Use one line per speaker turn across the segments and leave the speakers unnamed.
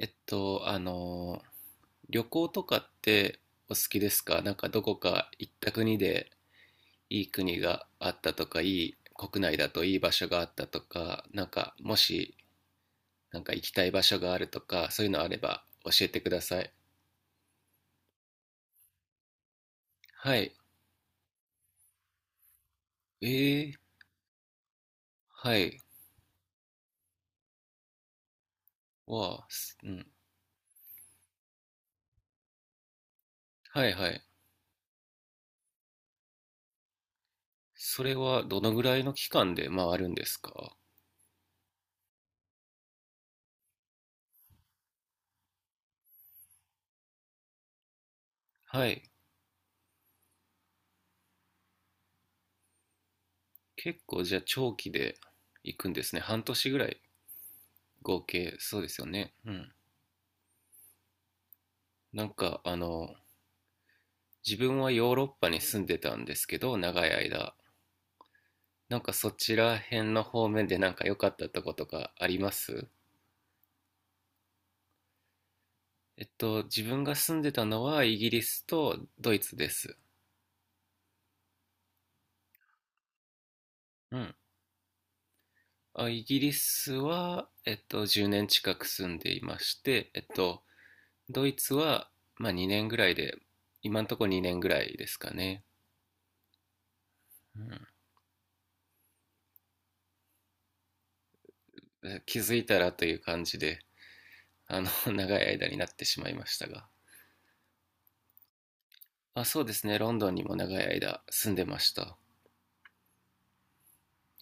えっと、あの、旅行とかってお好きですか？なんかどこか行った国でいい国があったとか、いい国内だといい場所があったとか、なんかもしなんか行きたい場所があるとか、そういうのあれば教えてください。はい。えー、はい。わあ、すうん。はいはい。それはどのぐらいの期間で回るんですか？はい。結構じゃあ長期で行くんですね。半年ぐらい合計、そうですよね。うん。なんか自分はヨーロッパに住んでたんですけど長い間、なんかそちら辺の方面でなんか良かったとことかあります？自分が住んでたのはイギリスとドイツです。うん。あ、イギリスは10年近く住んでいまして、えっとドイツはまあ2年ぐらいで、今んとこ2年ぐらいですかね。うん。気づいたらという感じで、長い間になってしまいましたが。あ、そうですね。ロンドンにも長い間住んでました。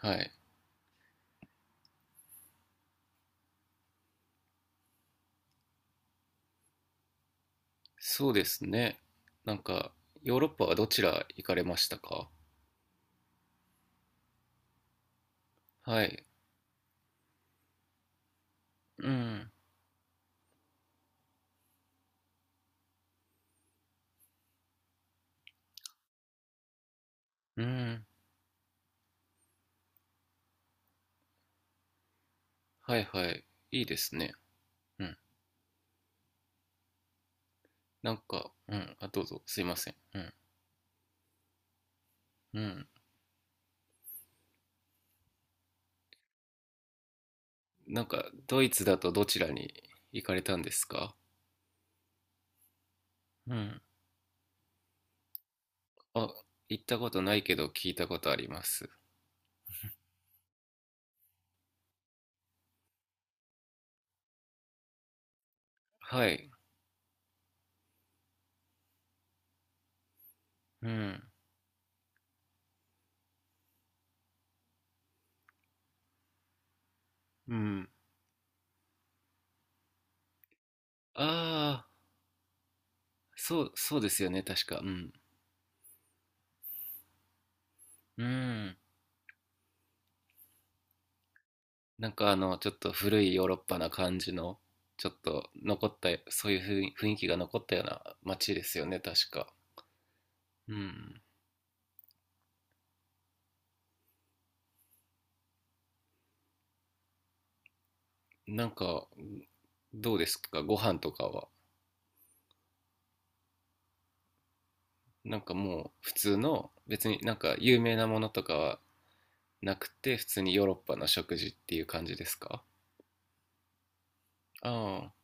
はい。そうですね。なんか、ヨーロッパはどちら行かれましたか？はい。うん。うん。はいはい。いいですね。うん。なんか、うん。あ、どうぞ。すいません。うん。うん。なんか、ドイツだとどちらに行かれたんですか？うん。あ、行ったことないけど聞いたことあります。はい。うん。うん。ああ、そう、そうですよね。確か。うん。うん。なんかちょっと古いヨーロッパな感じの、ちょっと残った、そういう雰囲気が残ったような街ですよね、確か。うん。なんか、どうですか、ご飯とかは。なんかもう普通の、別になんか有名なものとかはなくて、普通にヨーロッパの食事っていう感じですか？ああ、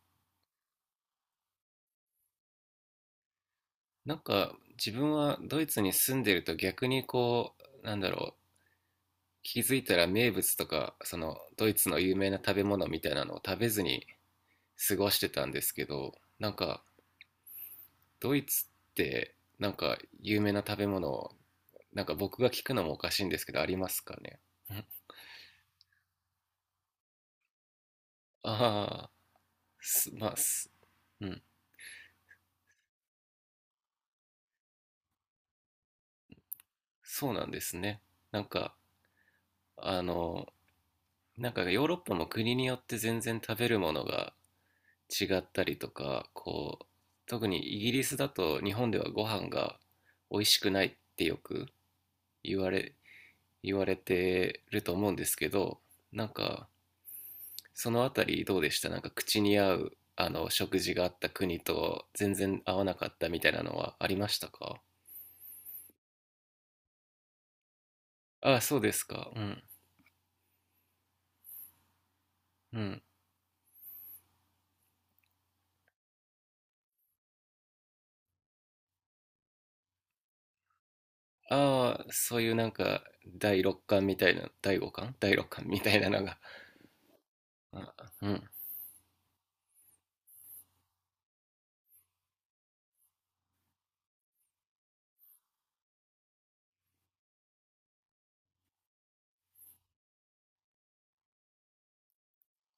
なんか自分はドイツに住んでると逆にこう、なんだろう、気づいたら名物とか、そのドイツの有名な食べ物みたいなのを食べずに過ごしてたんですけど、なんかドイツってなんか有名な食べ物、なんか僕が聞くのもおかしいんですけどありますかね？ん。ああ、すまあす、うん、そうなんですね。なんかあのなんかヨーロッパも国によって全然食べるものが違ったりとかこう、特にイギリスだと日本ではご飯が美味しくないってよく言われ言われてると思うんですけど、なんかそのあたりどうでした、なんか口に合う食事があった国と全然合わなかったみたいなのはありましたか？ああ、そうですか。うん。うん。ああ、そういうなんか第六感みたいな、第五感第六感みたいなのが。あ、うん。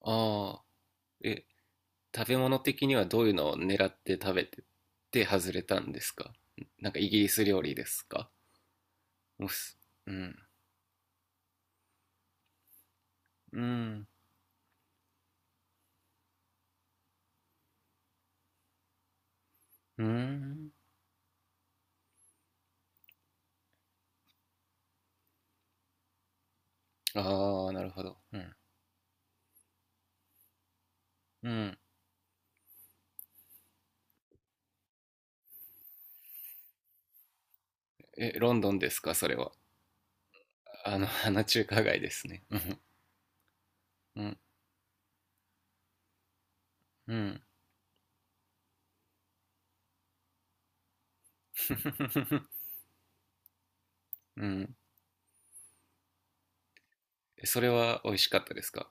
ああ、え、食べ物的にはどういうのを狙って食べてて外れたんですか？なんかイギリス料理ですか？うっす、うん。うん。うん。ああ、なるほど。うん。うん。え、ロンドンですか、それは。あの中華街ですね。うん。うん。うん。うん。それは美味しかったですか？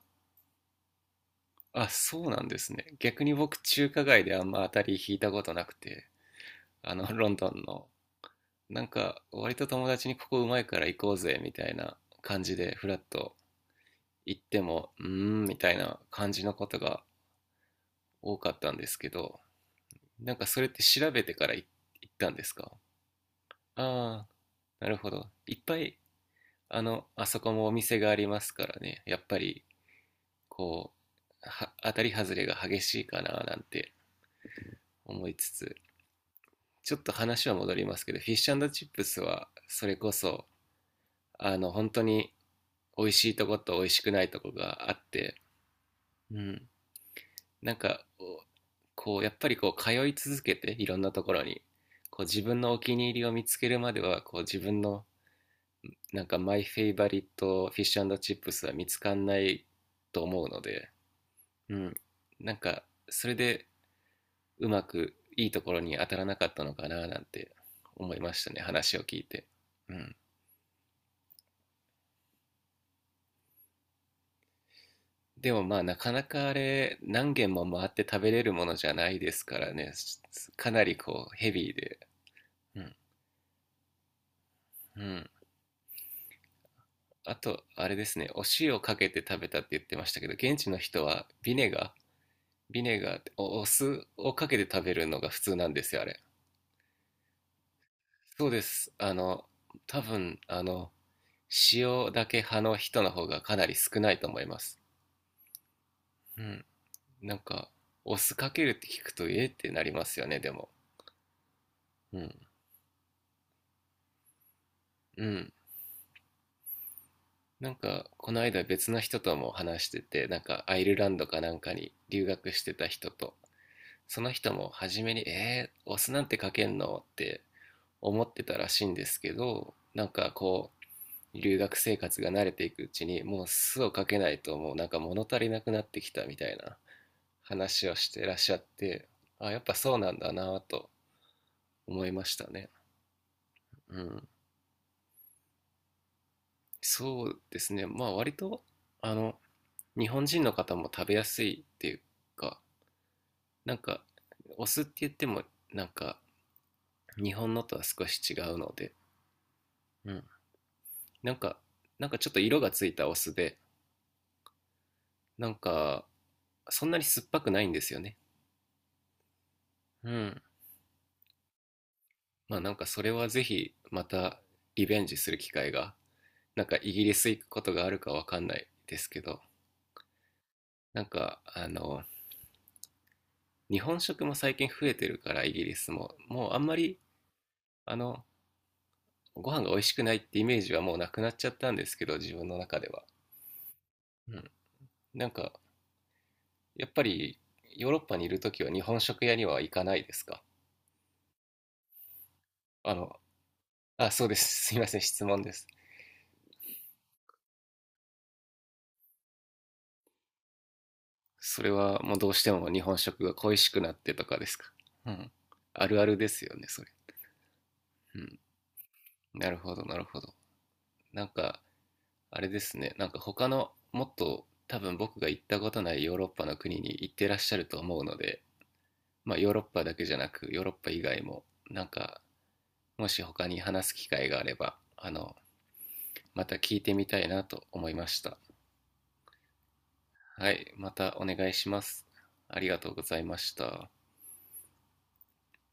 あ、そうなんですね。逆に僕、中華街であんま当たり引いたことなくて、ロンドンの、なんか、割と友達にここうまいから行こうぜ、みたいな感じで、フラッと行っても、うーん、みたいな感じのことが多かったんですけど、なんかそれって調べてから行ったんですか？ああー、なるほど。いっぱいあそこもお店がありますからね、やっぱり、こう、は当たり外れが激しいかななんて思いつつ、ちょっと話は戻りますけど、フィッシュチップスは、それこそ、本当に美味しいとこと美味しくないとこがあって、うん、なんか、こう、やっぱりこう、通い続けて、いろんなところに、こう、自分のお気に入りを見つけるまでは、こう、自分の、なんか、マイフェイバリットフィッシュチップスは見つかんないと思うので、うん。なんか、それでうまくいいところに当たらなかったのかななんて思いましたね、話を聞いて。うん。でもまあ、なかなかあれ、何軒も回って食べれるものじゃないですからね、かなりこう、ヘビーで。うん。うん。あと、あれですね、お塩かけて食べたって言ってましたけど、現地の人はビネガー、ビネガーってお酢をかけて食べるのが普通なんですよ、あれ。そうです。多分、塩だけ派の人の方がかなり少ないと思います。うん。なんか、お酢かけるって聞くと、えってなりますよね、でも。うん。うん。なんか、この間別の人とも話してて、なんか、アイルランドかなんかに留学してた人と、その人も初めに、お酢なんてかけんのって思ってたらしいんですけど、なんかこう、留学生活が慣れていくうちに、もう酢をかけないと、もうなんか物足りなくなってきたみたいな話をしてらっしゃって、あ、やっぱそうなんだなと思いましたね。うん、そうですね、まあ割とあの日本人の方も食べやすいっていうか、なんかお酢って言ってもなんか日本のとは少し違うので、うん、なんかちょっと色がついたお酢で、なんかそんなに酸っぱくないんですよね。うん、まあなんかそれはぜひまたリベンジする機会が、なんかイギリス行くことがあるかわかんないですけど、なんか、あの、日本食も最近増えてるから、イギリスも。もうあんまり、あの、ご飯が美味しくないってイメージはもうなくなっちゃったんですけど、自分の中では。うん。なんか、やっぱり、ヨーロッパにいるときは日本食屋には行かないですか？あの、あ、そうです。すいません、質問です。それはもうどうしても日本食が恋しくなってとかですか？うん。あるあるですよね、それ。うん。なるほど、なるほど。なんか、あれですね、なんか他のもっと多分僕が行ったことないヨーロッパの国に行ってらっしゃると思うので、まあヨーロッパだけじゃなくヨーロッパ以外も、なんかもし他に話す機会があれば、また聞いてみたいなと思いました。はい、またお願いします。ありがとうございました。